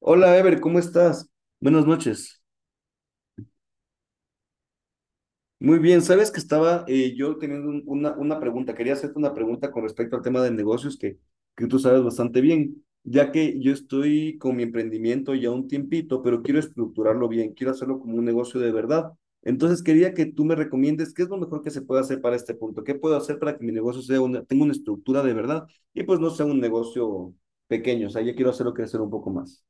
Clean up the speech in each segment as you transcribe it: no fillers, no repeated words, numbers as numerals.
Hola, Ever, ¿cómo estás? Buenas noches. Muy bien, sabes que estaba yo teniendo una pregunta, quería hacerte una pregunta con respecto al tema de negocios que tú sabes bastante bien, ya que yo estoy con mi emprendimiento ya un tiempito, pero quiero estructurarlo bien, quiero hacerlo como un negocio de verdad. Entonces quería que tú me recomiendes qué es lo mejor que se puede hacer para este punto, qué puedo hacer para que mi negocio sea una, tenga una estructura de verdad y pues no sea un negocio pequeño, o sea, yo quiero hacerlo crecer un poco más.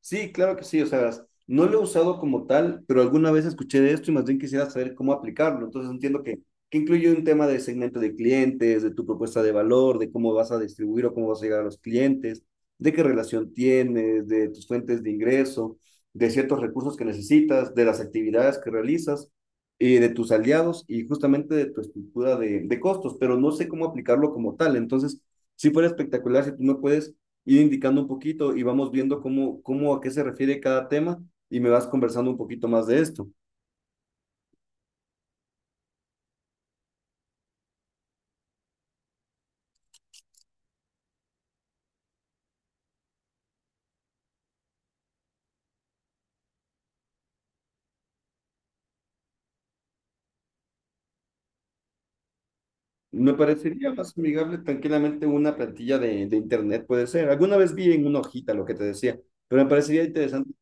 Sí, claro que sí, o sea, verás, no lo he usado como tal, pero alguna vez escuché de esto y más bien quisiera saber cómo aplicarlo. Entonces entiendo que incluye un tema de segmento de clientes, de tu propuesta de valor, de cómo vas a distribuir o cómo vas a llegar a los clientes, de qué relación tienes, de tus fuentes de ingreso, de ciertos recursos que necesitas, de las actividades que realizas, y de tus aliados y justamente de tu estructura de costos, pero no sé cómo aplicarlo como tal. Entonces, sí fuera espectacular si tú me puedes ir indicando un poquito y vamos viendo cómo, cómo a qué se refiere cada tema y me vas conversando un poquito más de esto. Me parecería más amigable tranquilamente una plantilla de internet, puede ser. Alguna vez vi en una hojita lo que te decía, pero me parecería interesante.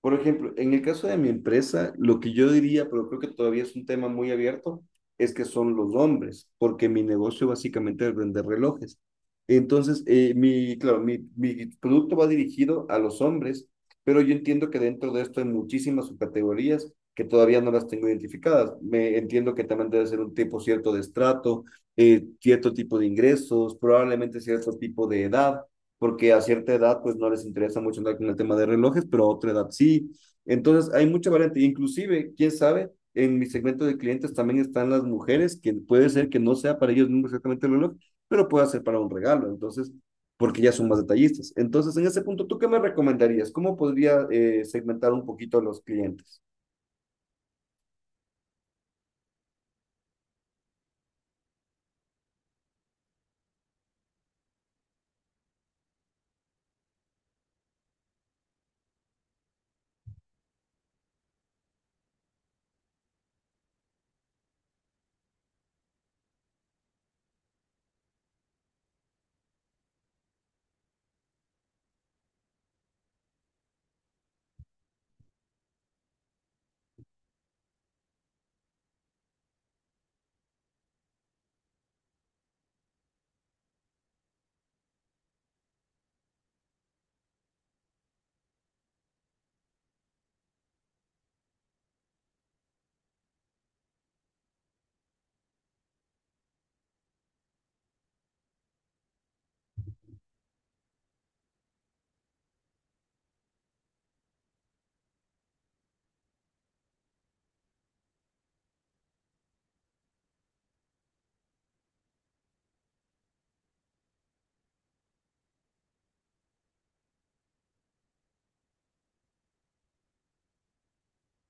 Por ejemplo, en el caso de mi empresa, lo que yo diría, pero creo que todavía es un tema muy abierto, es que son los hombres, porque mi negocio básicamente es vender relojes. Entonces, mi, claro, mi producto va dirigido a los hombres, pero yo entiendo que dentro de esto hay muchísimas subcategorías que todavía no las tengo identificadas. Me entiendo que también debe ser un tipo cierto de estrato, cierto tipo de ingresos, probablemente cierto tipo de edad porque a cierta edad pues no les interesa mucho andar con el tema de relojes, pero a otra edad sí. Entonces hay mucha variante, inclusive, quién sabe, en mi segmento de clientes también están las mujeres, que puede ser que no sea para ellos mismos exactamente el reloj, pero puede ser para un regalo, entonces, porque ya son más detallistas. Entonces, en ese punto, ¿tú qué me recomendarías? ¿Cómo podría segmentar un poquito a los clientes?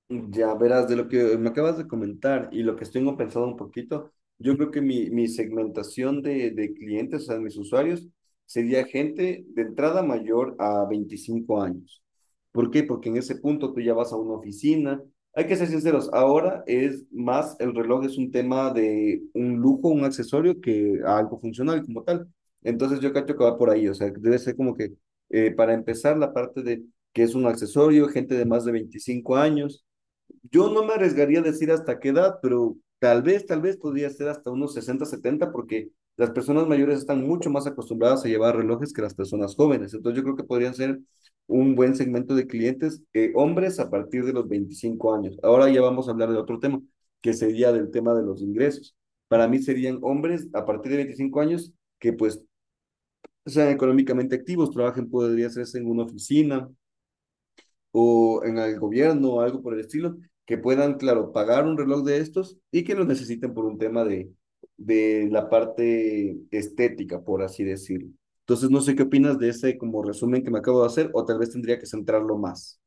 Ya verás, de lo que me acabas de comentar y lo que tengo pensado un poquito, yo creo que mi segmentación de clientes, o sea, mis usuarios, sería gente de entrada mayor a 25 años. ¿Por qué? Porque en ese punto tú ya vas a una oficina. Hay que ser sinceros, ahora es más, el reloj es un tema de un lujo, un accesorio que algo funcional como tal. Entonces yo cacho que va por ahí, o sea, debe ser como que para empezar la parte de que es un accesorio, gente de más de 25 años. Yo no me arriesgaría a decir hasta qué edad, pero tal vez podría ser hasta unos 60, 70 porque las personas mayores están mucho más acostumbradas a llevar relojes que las personas jóvenes. Entonces yo creo que podrían ser un buen segmento de clientes, hombres a partir de los 25 años. Ahora ya vamos a hablar de otro tema, que sería del tema de los ingresos. Para mí serían hombres a partir de 25 años que pues sean económicamente activos, trabajen, podría hacerse en una oficina, o en el gobierno o algo por el estilo, que puedan, claro, pagar un reloj de estos y que lo necesiten por un tema de la parte estética, por así decirlo. Entonces, no sé qué opinas de ese como resumen que me acabo de hacer, o tal vez tendría que centrarlo más.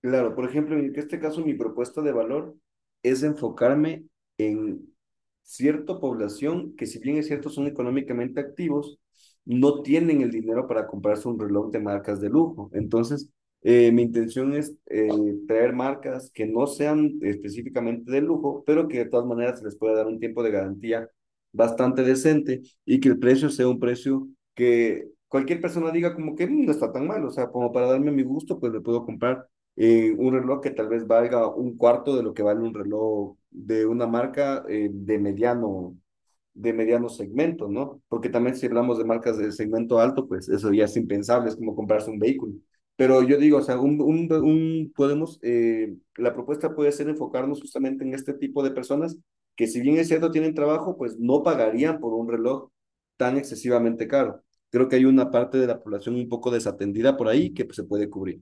Claro, por ejemplo, en este caso mi propuesta de valor es enfocarme en cierta población que si bien es cierto son económicamente activos, no tienen el dinero para comprarse un reloj de marcas de lujo. Entonces, mi intención es traer marcas que no sean específicamente de lujo, pero que de todas maneras se les pueda dar un tiempo de garantía bastante decente y que el precio sea un precio que cualquier persona diga como que "Mm, no está tan mal, o sea, como para darme mi gusto, pues le puedo comprar un reloj que tal vez valga un cuarto de lo que vale un reloj de una marca de mediano segmento, ¿no?". Porque también si hablamos de marcas de segmento alto, pues eso ya es impensable, es como comprarse un vehículo. Pero yo digo, o sea, podemos, la propuesta puede ser enfocarnos justamente en este tipo de personas que si bien es cierto tienen trabajo, pues no pagarían por un reloj tan excesivamente caro. Creo que hay una parte de la población un poco desatendida por ahí que pues, se puede cubrir.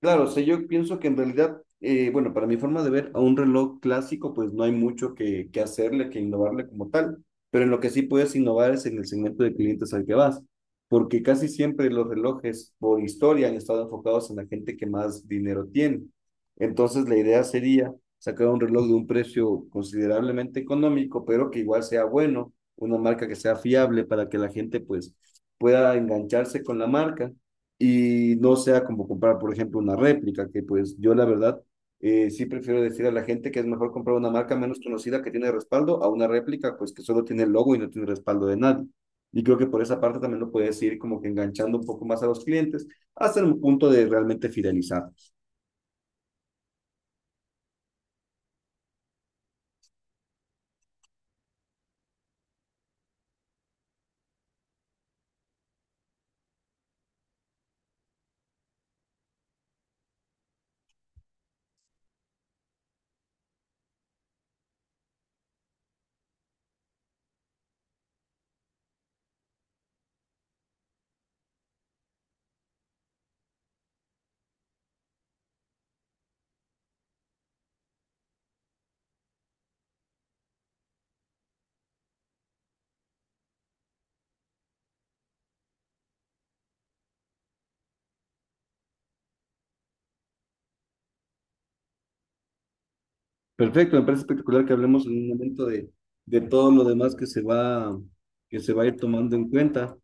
Claro, o sea, yo pienso que en realidad, bueno, para mi forma de ver, a un reloj clásico, pues no hay mucho que hacerle, que innovarle como tal, pero en lo que sí puedes innovar es en el segmento de clientes al que vas, porque casi siempre los relojes por historia han estado enfocados en la gente que más dinero tiene. Entonces, la idea sería sacar un reloj de un precio considerablemente económico, pero que igual sea bueno, una marca que sea fiable para que la gente pues pueda engancharse con la marca y no sea como comprar, por ejemplo, una réplica, que pues yo la verdad, sí prefiero decir a la gente que es mejor comprar una marca menos conocida que tiene respaldo a una réplica pues que solo tiene el logo y no tiene respaldo de nadie. Y creo que por esa parte también lo puedes ir como que enganchando un poco más a los clientes hasta un punto de realmente fidelizarlos. Perfecto, me parece espectacular que hablemos en un momento de todo lo demás que se va a ir tomando en cuenta,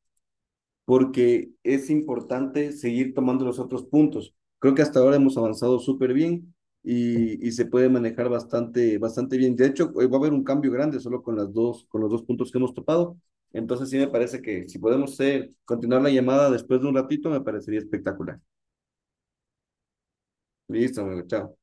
porque es importante seguir tomando los otros puntos. Creo que hasta ahora hemos avanzado súper bien y se puede manejar bastante, bastante bien. De hecho, va a haber un cambio grande solo con, las dos, con los dos puntos que hemos topado. Entonces sí me parece que si podemos ser, continuar la llamada después de un ratito, me parecería espectacular. Listo, amigo, chao.